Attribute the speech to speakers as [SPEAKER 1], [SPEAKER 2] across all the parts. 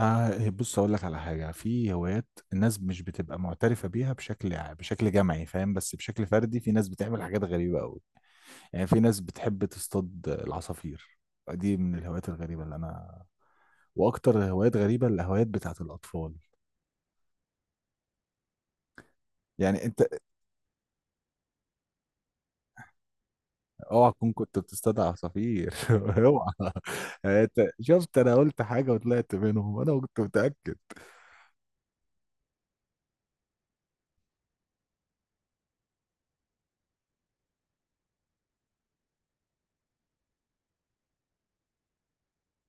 [SPEAKER 1] آه، بص اقول لك على حاجه في هوايات الناس مش بتبقى معترفه بيها بشكل جمعي، فاهم؟ بس بشكل فردي في ناس بتعمل حاجات غريبه قوي. يعني في ناس بتحب تصطاد العصافير. دي من الهوايات الغريبه اللي انا. واكتر هوايات غريبه الهوايات بتاعت الاطفال. يعني انت اوعى تكون كنت بتصطاد عصافير اوعى. يعني انت شفت، انا قلت حاجه وطلعت منهم، انا كنت متاكد.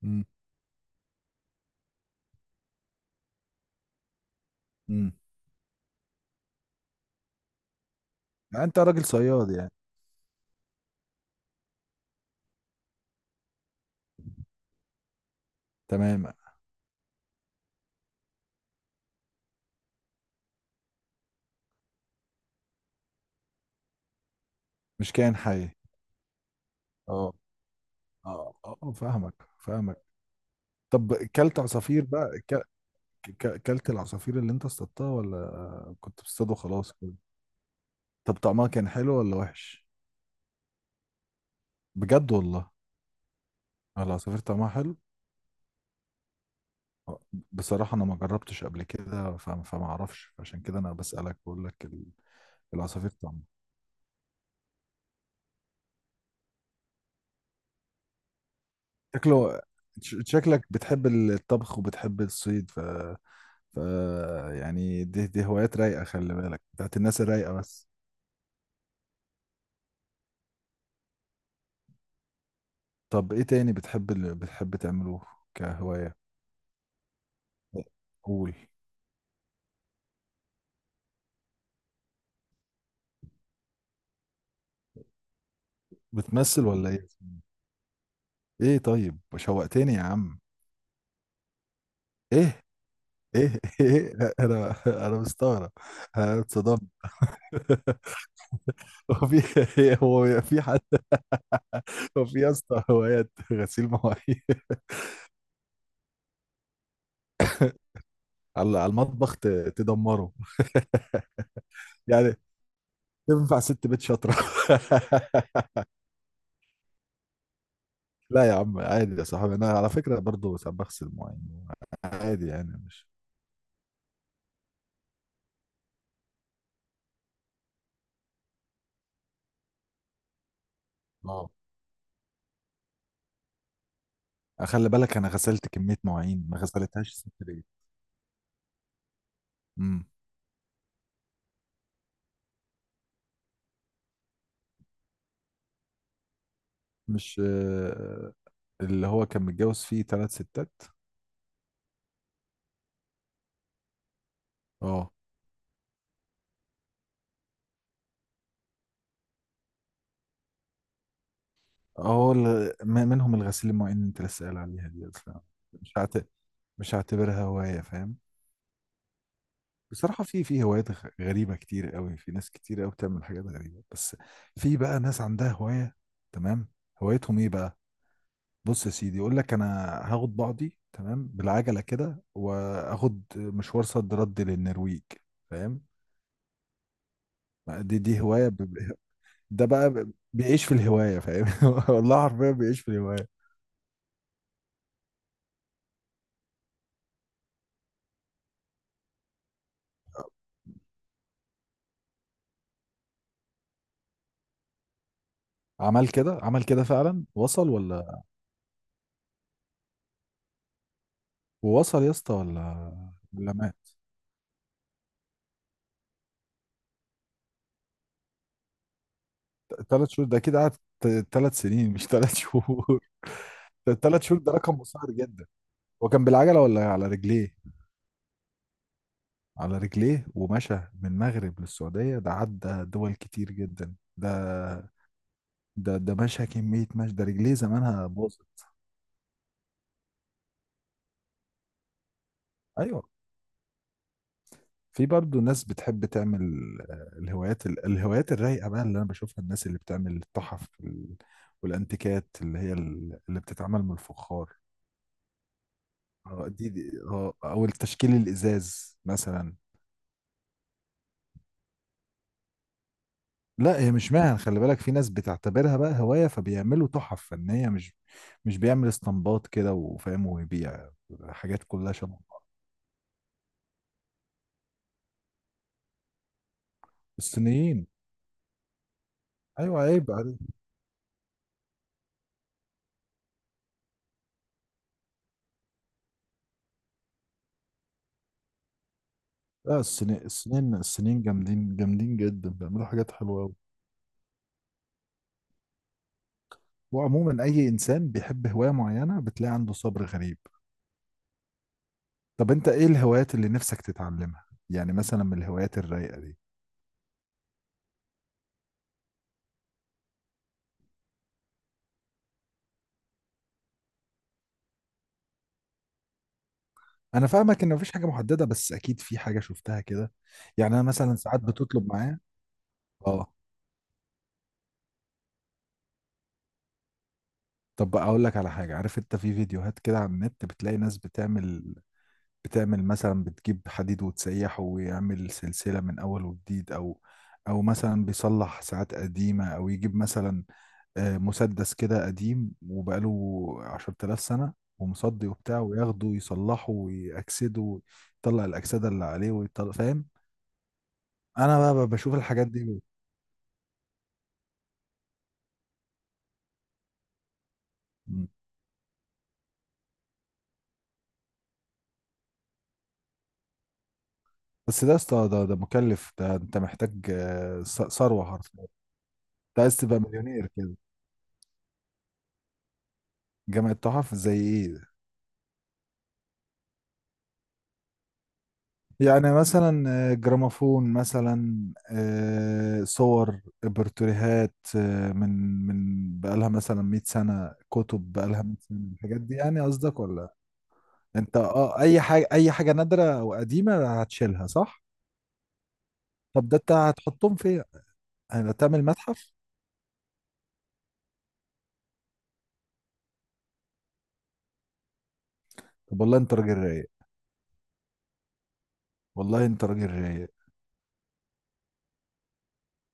[SPEAKER 1] امم إمم. انت راجل صياد يعني. تمام. مش كائن حي. اه اه اه، فاهمك فاهمك. طب كلت عصافير بقى؟ كلت العصافير اللي انت اصطادتها ولا كنت بتصطاد وخلاص كده؟ طب طعمها كان حلو ولا وحش؟ بجد والله؟ العصافير طعمها حلو. آه، بصراحة انا ما جربتش قبل كده، فما اعرفش. عشان كده انا بسألك. بقول لك ال- العصافير طعمها. شكله. شكلك بتحب الطبخ وبتحب الصيد، ف... ف يعني دي هوايات رايقة، خلي بالك، بتاعت الناس الرايقة بس. طب ايه تاني بتحب، اللي بتحب تعمله كهواية؟ قول. بتمثل ولا ايه؟ ايه طيب شوقتني يا عم. ايه ايه انا مستغرب. انا اتصدمت. هو في حد؟ هو في يا اسطى هوايات غسيل مواعين؟ على المطبخ، تدمره. يعني تنفع ست بيت شاطرة. لا يا عم عادي يا صاحبي، انا على فكرة برضو ساعات بغسل مواعين. عادي يعني، مش. اه. خلي بالك انا غسلت كميه مواعين ما غسلتهاش الست دي. امم مش اللي هو كان متجوز فيه ثلاث ستات. اه. اه ال- منهم الغسيل المواعين اللي انت لسه قايل عليها دي، ف- مش هعت... مش هعتبرها هوايه، فاهم؟ بصراحه في هوايات غريبه كتير قوي، في ناس كتير قوي بتعمل حاجات غريبه بس. في بقى ناس عندها هوايه. تمام. هوايتهم ايه بقى؟ بص يا سيدي، يقول لك انا هاخد بعضي تمام بالعجله كده، واخد مشوار صد رد للنرويج، فاهم؟ دي هوايه ده بقى بيعيش في الهوايه، فاهم؟ والله حرفيا بيعيش في الهوايه. عمل كده عمل كده فعلا، وصل ولا؟ وصل يا اسطى ولا؟ ولا مات؟ ثلاث شهور؟ ده كده قعد ثلاث سنين مش ثلاث شهور. ثلاث شهور ده رقم قصير جدا. هو كان بالعجله ولا على رجليه؟ على رجليه ومشى، من المغرب للسعودية، ده عدى دول كتير جدا ده. ده مشى كمية مشي، ده رجليه زمانها باظت. أيوة. في برضه ناس بتحب تعمل، الهوايات ال- الهوايات الرايقة بقى اللي أنا بشوفها، الناس اللي بتعمل التحف ال- والأنتيكات اللي هي ال- اللي بتتعمل من الفخار. دي أو التشكيل الإزاز مثلا. لا هي مش مهن، خلي بالك، في ناس بتعتبرها بقى هواية، فبيعملوا تحف فنية، مش بيعمل اسطمبات كده وفاهم ويبيع حاجات كلها شبه بعض. الصينيين. ايوه عيب عليك. لا الصيني الصينيين جامدين جامدين جدا، بيعملوا حاجات حلوة أوي. وعموما اي انسان بيحب هواية معينة بتلاقي عنده صبر غريب. طب انت ايه الهوايات اللي نفسك تتعلمها، يعني مثلا من الهوايات الرايقة دي؟ انا فاهمك ان مفيش حاجة محددة بس اكيد في حاجة شفتها كده. يعني انا مثلا ساعات بتطلب معايا. اه. طب بقى اقول لك على حاجه، عارف انت في فيديوهات كده على النت بتلاقي ناس بتعمل، بتعمل مثلا بتجيب حديد وتسيحه ويعمل سلسله من اول وجديد، او مثلا بيصلح ساعات قديمه، او يجيب مثلا مسدس كده قديم وبقاله 10000 سنه ومصدي وبتاع، وياخده ويصلحه ويأكسده، يطلع الأكسدة اللي عليه ويطلع، فاهم؟ انا بقى بشوف الحاجات دي مم. بس ده يا اسطى ده مكلف، ده انت محتاج ثروه حرفيا. انت عايز تبقى مليونير؟ جامعة تحف زي ايه؟ يعني مثلا جراموفون مثلا، صور برتريهات، من بقالها مثلا 100 سنة، كتب بقالها 100 سنة، الحاجات دي يعني قصدك ولا؟ انت اه اي حاجة، اي حاجة نادرة او قديمة هتشيلها، صح؟ طب ده انت هتحطهم فين؟ يعني هتعمل متحف؟ طب والله انت راجل رايق. والله انت راجل رايق.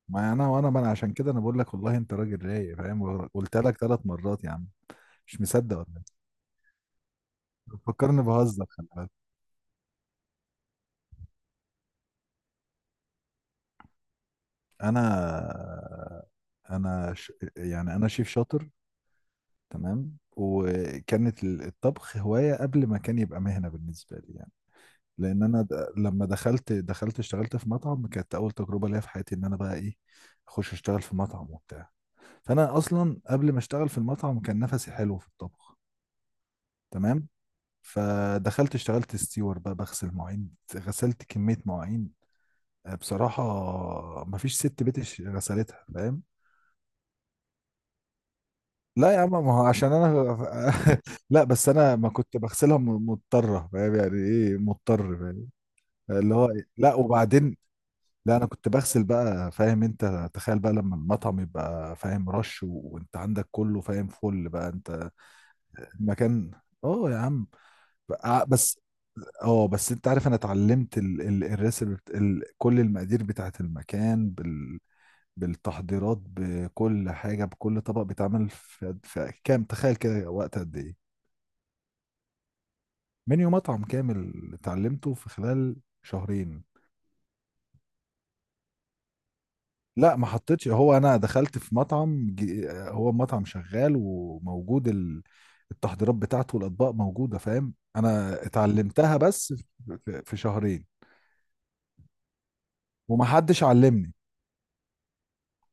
[SPEAKER 1] ما انا وانا، ما انا عشان كده انا بقول لك والله انت راجل رايق، فاهم؟ قلت لك ثلاث مرات يا عم. مش مصدق ولا؟ إيه؟ فكرني بهزر خلي بالك. انا انا يعني انا شيف شاطر. تمام. وكانت ال- الطبخ هواية قبل ما كان يبقى مهنة بالنسبة لي يعني. لان انا لما دخلت اشتغلت في مطعم، كانت اول تجربة ليا في حياتي ان انا بقى ايه، اخش اشتغل في مطعم وبتاع. فانا اصلا قبل ما اشتغل في المطعم كان نفسي حلو في الطبخ. تمام. فدخلت اشتغلت ستيور بقى، بغسل مواعين، غسلت كمية مواعين بصراحة، مفيش ست بيت غسلتها، فاهم؟ لا يا عم، ما هو عشان انا لا بس انا ما كنت بغسلها مضطره، فاهم يعني ايه مضطر؟ فاهم. اللي هو إيه؟ لا وبعدين، لا انا كنت بغسل بقى، فاهم انت، تخيل بقى لما المطعم يبقى فاهم، رش وانت عندك كله، فاهم، فل بقى انت المكان. اه يا عم. بس. اه بس انت عارف انا اتعلمت الريسبي كل المقادير بتاعت المكان بالتحضيرات، بكل حاجه بكل طبق بيتعمل، في كام تخيل كده، وقت قد ايه؟ منيو مطعم كامل اتعلمته في خلال شهرين. لا ما حطيتش، هو انا دخلت في مطعم ج- هو مطعم شغال وموجود ال- التحضيرات بتاعته والاطباق موجوده، فاهم؟ انا اتعلمتها بس في شهرين، وما حدش علمني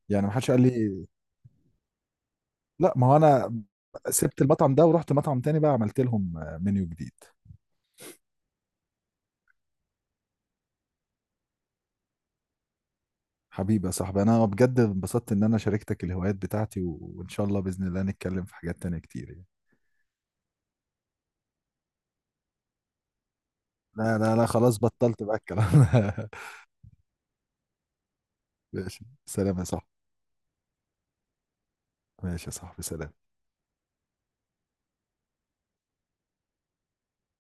[SPEAKER 1] يعني، ما حدش قال لي. لا ما هو انا سبت المطعم ده ورحت مطعم تاني بقى، عملت لهم منيو جديد. حبيبي يا صاحبي، انا بجد انبسطت ان انا شاركتك الهوايات بتاعتي، و- وان شاء الله باذن الله نتكلم في حاجات تانية كتير. لا لا لا خلاص بطلت بقى الكلام ده. ماشي سلام يا صاحبي. ماشي يا صاحبي سلام.